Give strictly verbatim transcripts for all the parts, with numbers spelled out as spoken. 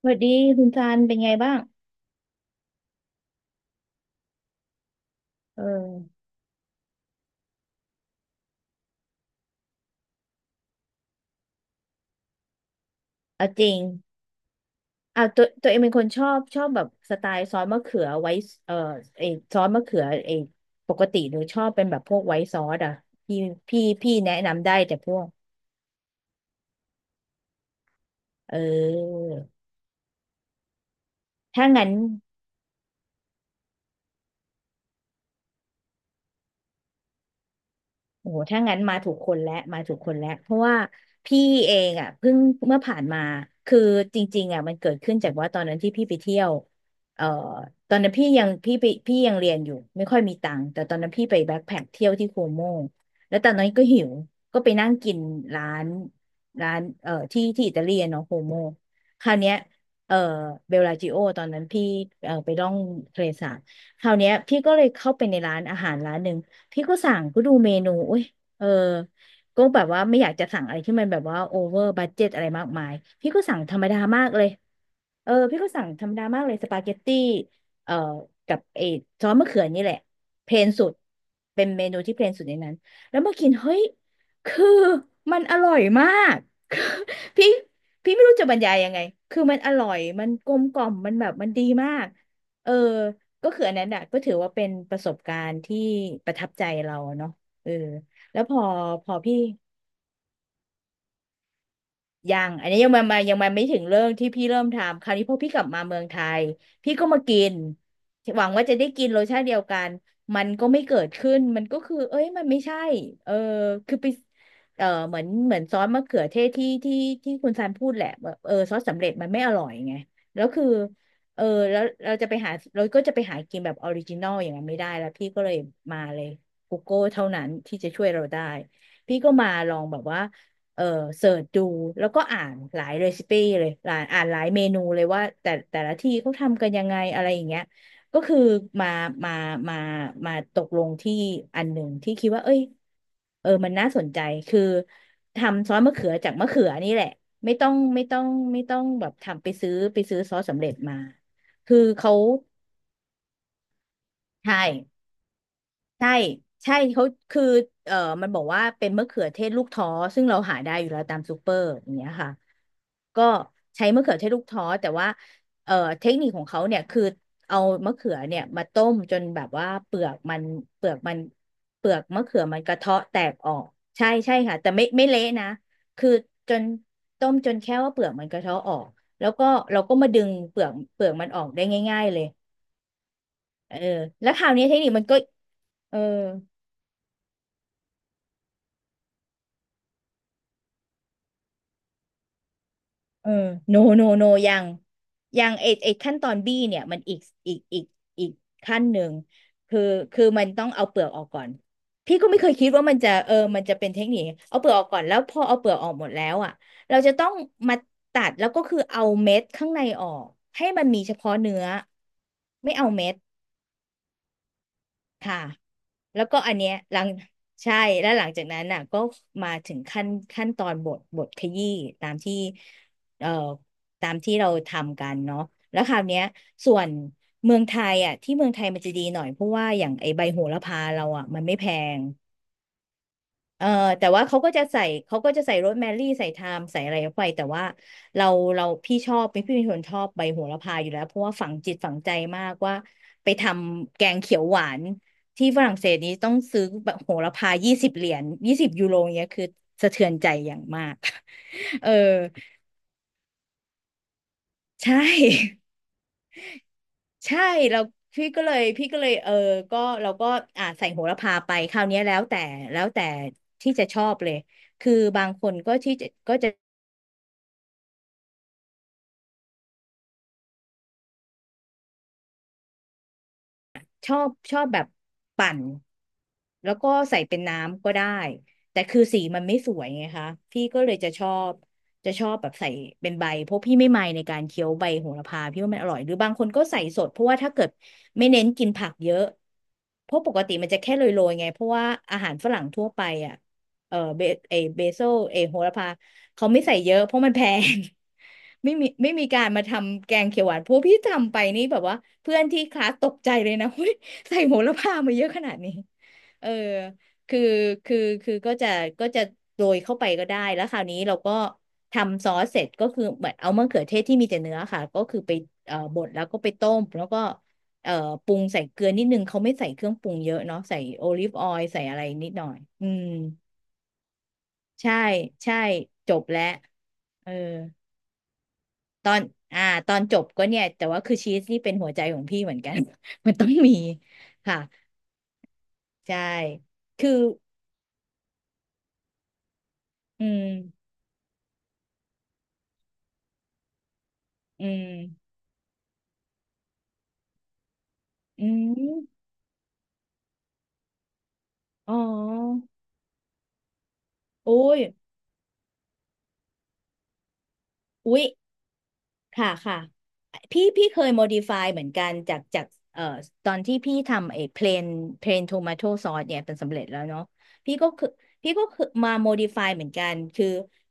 สวัสดีคุณซานเป็นไงบ้างเออเอาจริงเอาตัวตัวเองเป็นคนชอบชอบแบบสไตล์ซอสมะเขือไว้เออไอซอสมะเขือไอปกติหนูชอบเป็นแบบพวกไว้ซอสอ่ะพี่พี่พี่แนะนำได้แต่พวกเออถ้างั้น โอ้โหถ้างั้นมาถูกคนแล้วมาถูกคนแล้วเพราะว่าพี่เองอ่ะเพิ่งเมื่อผ่านมาคือจริงๆอ่ะมันเกิดขึ้นจากว่าตอนนั้นที่พี่ไปเที่ยวเอ่อตอนนั้นพี่ยังพี่ไปพี่ยังเรียนอยู่ไม่ค่อยมีตังค์แต่ตอนนั้นพี่ไปแบ็คแพ็คเที่ยวที่โคโมแล้วตอนนั้นก็หิวก็ไปนั่งกินร้านร้านเอ่อที่ที่อิตาเลียนเนาะโคโมคราวเนี้ยเอ่อเบลลาจิโอตอนนั้นพี่เอ่อไปล่องทะเลสาบคราวเนี้ยพี่ก็เลยเข้าไปในร้านอาหารร้านหนึ่ง พี่ก็สั่งก็ดูเมนูอุ้ยเออก็แบบว่าไม่อยากจะสั่งอะไรที่มันแบบว่าโอเวอร์บัดเจ็ตอะไรมากมาย พี่ก็สั่งธรรมดามากเลย เออพี่ก็สั่งธรรมดามากเลยสปาเกตตี้เอ่อกับไอ้ซอสมะเขือนี่แหละเพลนสุดเป็นเมนูที่เพลนสุดในนั้นแล้วมากินเฮ้ยคือมันอร่อยมาก คือพี่พี่ไม่รู้จะบรรยายยังไงคือมันอร่อยมันกลมกล่อมมันแบบมันดีมากเออก็คืออันนั้นอ่ะก็ถือว่าเป็นประสบการณ์ที่ประทับใจเราเนาะเออแล้วพอพอพี่ ยังอันนี้ยังมามายังมาไม่ถึงเรื่องที่พี่เริ่มทำคราวนี้พอพี่กลับมาเมืองไทยพี่ก็มากินหวังว่าจะได้กินรสชาติเดียวกันมันก็ไม่เกิดขึ้นมันก็คือเอ้ยมันไม่ใช่เออคือไปเออเหมือนเหมือนซอสมะเขือเทศที่ที่ที่คุณซันพูดแหละแบบเออซอสสำเร็จมันไม่อร่อยไงแล้วคือเออแล้วเราจะไปหาเราก็จะไปหากินแบบออริจินอลอย่างนั้นไม่ได้แล้วพี่ก็เลยมาเลย Google เท่านั้นที่จะช่วยเราได้พี่ก็มาลองแบบว่า เออเสิร์ชดูแล้วก็อ่านหลายเรซิปี้เลยหลายอ่านหลายเมนูเลยว่าแต่แต่ละที่เขาทำกันยังไงอะไรอย่างเงี้ยก็คือมามามามาตกลงที่อันหนึ่งที่คิดว่าเอ้ยเออมันน่าสนใจคือทำซอสมะเขือจากมะเขือนี่แหละไม่ต้องไม่ต้องไม่ต้องแบบทำไปซื้อไปซื้อซอสสำเร็จมาคือเขาใช่ ใช่ใช่เขาคือเอ่อมันบอกว่าเป็นมะเขือเทศลูกท้อซึ่งเราหาได้อยู่แล้วตามซูเปอร์อย่างเงี้ยค่ะก็ใช้มะเขือเทศลูกท้อแต่ว่าเอ่อเทคนิคของเขาเนี่ยคือเอามะเขือเนี่ยมาต้มจนแบบว่าเปลือกมันเปลือกมันเปลือกมะเขือมันกระเทาะแตกออกใช่ใช่ค่ะแต่ไม่ไม่เละนะคือจนต้มจนแค่ว่าเปลือกมันกระเทาะออกแล้วก็เราก็มาดึงเปลือกเปลือกมันออกได้ง่ายๆเลยเออแล้วคราวนี้เทคนิคมันก็เออ เออโนโนโนยังยังไอไอขั้นตอนบี้เนี่ยมันอีกอีกอีกอีกขั้นหนึ่งคือคือมันต้องเอาเปลือกออกก่อนพี่ก็ไม่เคยคิดว่ามันจะเออมันจะเป็นเทคนิคเอาเปลือกออกก่อนแล้วพอเอาเปลือกออกหมดแล้วอ่ะเราจะต้องมาตัดแล้วก็คือเอาเม็ดข้างในออกให้มันมีเฉพาะเนื้อไม่เอาเม็ด ค่ะแล้วก็อันเนี้ยหลังใช่แล้วหลังจากนั้นน่ะก็มาถึงขั้นขั้นตอนบทบทขยี้ตามที่เอ่อตามที่เราทำกันเนาะแล้วคราวเนี้ยส่วนเมืองไทยอ่ะที่เมืองไทยมันจะดีหน่อยเพราะว่าอย่างไอใบโหระพาเราอ่ะมันไม่แพง เออแต่ว่าเขาก็จะใส่เขาก็จะใส่โรสแมรี่ใส่ไทม์ใส่อะไรไปแต่ว่าเราเราพี่ชอบพี่เป็นคนชอบใบโหระพาอยู่แล้วเพราะว่าฝังจิตฝังใจมากว่าไปทำแกงเขียวหวานที่ฝรั่งเศสนี้ต้องซื้อแบบโหระพายี่สิบเหรียญยี่สิบยูโรเนี้ยคือสะเทือนใจอย่างมาก เออใช่ ใช่เราพี่ก็เลยพี่ก็เลยเออก็เราก็อ่าใส่โหระพาไปคราวเนี้ยแล้วแต่แล้วแต่ที่จะชอบเลยคือบางคนก็ที่จะก็จะ ชอบชอบแบบปั่นแล้วก็ใส่เป็นน้ำก็ได้แต่คือสีมันไม่สวยไงคะพี่ก็เลยจะชอบจะชอบแบบใส่เป็นใบเพราะพี่ไม่ไมในการเคี้ยวใบโหระพาพี่ว่ามันอร่อยหรือบางคนก็ใส่สดเพราะว่าถ้าเกิดไม่เน้นกินผักเยอะเพราะปกติมันจะแค่โรยๆไงเพราะว่าอาหารฝรั่งทั่วไปอ่ะเออเบเอเบโซเอโหระพาเขาไม่ใส่เยอะเพราะมันแพง ไม่มีไม่มีการมาทำแกงเขียวหวานเพราะพี่ทำไปนี่แบบว่าเพื่อนที่คลาสตกใจเลยนะ เฮ้ยใส่โหระพามาเยอะขนาดนี้เออคือคือคือก็จะก็จะโรยเข้าไปก็ได้แล้วคราวนี้เราก็ทำซอสเสร็จก็คือเหมือนเอามะเขือเทศที่มีแต่เนื้อค่ะก็คือไปเอ่อบดแล้วก็ไปต้มแล้วก็เอ่อปรุงใส่เกลือนิดนึงเขาไม่ใส่เครื่องปรุงเยอะเนาะใส่โอลิฟออยล์ใส่อะไรนิดหน่อยอืมใช่ใช่จบแล้วเออ ตอน อ่า ตอนจบก็เนี่ยแต่ว่าคือชีสนี่เป็นหัวใจของพี่เหมือนกัน มันต้องมี ค่ะ ใช่ คือ อืม อืม อืม อ๋อโอ้ยอุ๊ย ค่ะค่ะพี่พี่เคย modify เหมือนกันจากจากเอ่อตอนที่พี่ทำไอ้ plain plain tomato sauce เนี่ยเป็นสำเร็จแล้วเนาะพี่ก็คือพี่ก็คือมา modify เหมือนกันคือ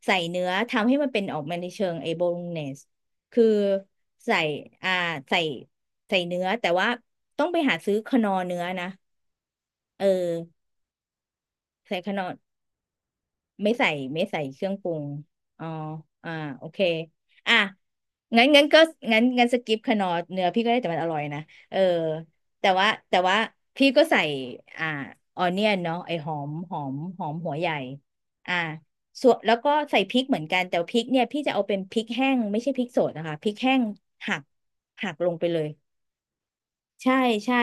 ใส่เนื้อทำให้มันเป็นออกมาในเชิงไอ้โบโลเนสคือใส่อ่าใส่ใส่เนื้อแต่ว่าต้องไปหาซื้อคนอเนื้อนะเออใส่คนอ ไม่ใส่ไม่ใส่เครื่องปรุงอ๋ออ่าโอเคอ่ะงั้นงั้นก็งั้นงั้นสกิปขนอร์เนื้อพี่ก็ได้แต่มันอร่อยนะเออแต่ว่าแต่ว่าพี่ก็ใส่อ่าออเนียนเนาะไอหอมหอมหอมหัวใหญ่อ่าส่วนแล้วก็ใส่พริกเหมือนกันแต่พริกเนี่ยพี่จะเอาเป็นพริกแห้งไม่ใช่พริกสดนะคะพริกแห้งหักหักลงไปเลยใช่ใช่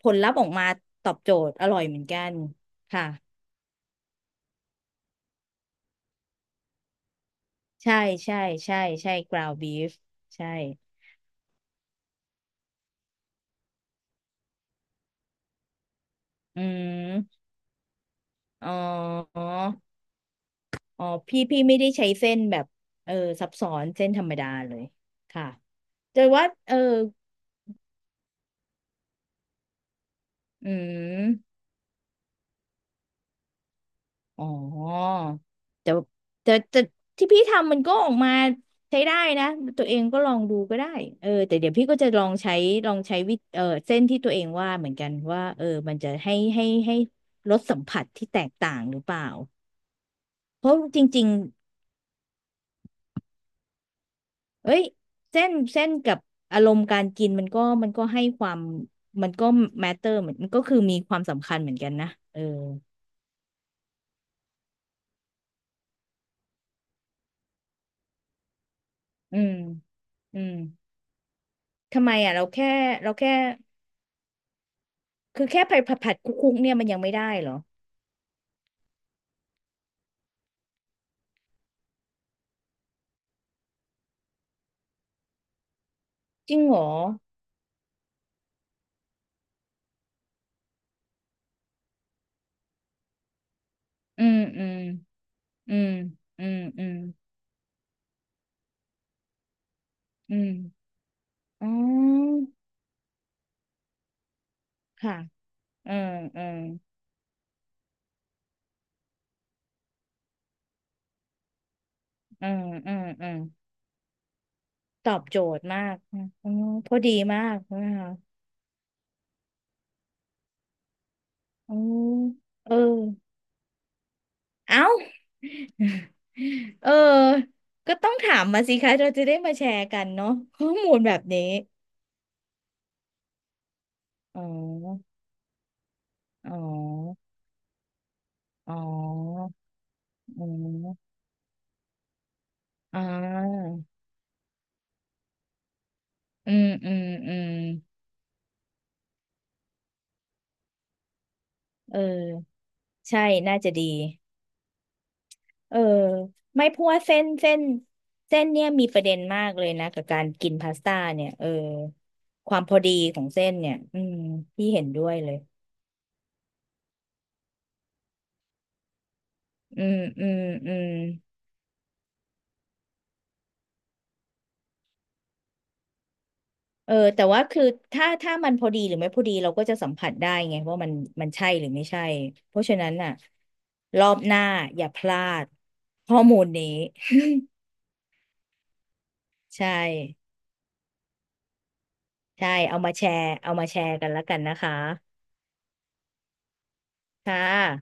ผลลัพธ์ออกมาตอบโจทย์อร่อยเหมือนกันค่ะ ใช่ใช่ใช่ใช่กราวบีฟใช่อืมอ๋ออ๋อพี่พี่ไม่ได้ใช้เส้นแบบเออซับซ้อนเส้นธรรมดาเลยค่ะแต่ว่าเอออืมอ๋อแต่แต่แต่ที่พี่ทำมันก็ออกมาใช้ได้นะตัวเองก็ลองดูก็ได้เออแต่เดี๋ยวพี่ก็จะลองใช้ลองใช้วิเออเส้นที่ตัวเองว่าเหมือนกันว่าเออมันจะให้ให้ให้รสสัมผัสที่แตกต่างหรือเปล่าเพราะจริงๆ เอ้ยเส้นเส้นกับอารมณ์การกินมันก็มันก็ให้ความมันก็ matter เหมือนมันก็คือมีความสำคัญเหมือนกันนะเอออืมอืมทำไมอ่ะเราแค่เราแค่คือแค่ผัดผัดผัดคุกคุกๆเนี่ยมันยังไม่ได้เหรอจริงเหรออืมอืมอืมอืมอืมอืมอ๋อค่ะอืมอืมอืมอืมอืมตอบโจทย์มากอ๋อพอดีมากนะคะอ๋อเออ เอ้าเออ ก็ต้องถามมาสิคะเราจะได้มาแชร์กันเนาะข้อมูลแบบนี้ อ๋อ อ๋อ อ๋อ อ๋ออ่าอืมอืมอืมเออใช่ น่าจะดี เออ ไม่เพราะว่าเส้นเส้นเส้นเนี่ยมีประเด็นมากเลยนะกับการกินพาสต้าเนี่ยเออความพอดีของเส้นเนี่ย อืมพี่เห็นด้วยเลย อืม อืม อืม เออแต่ว่าคือถ้าถ้ามันพอดีหรือไม่พอดีเราก็จะสัมผัสได้ไงว่ามันมันใช่หรือไม่ใช่เพราะฉะนั้นน่ะรอบหน้าอย่าพลาดข้อมูลนี้ ใช่ใช่เอามาแชร์เอามาแชร์กันแล้วกันนะคะค่ะ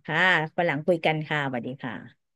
ค่ะวันหลังคุยกันค่ะสวัสดีค่ะ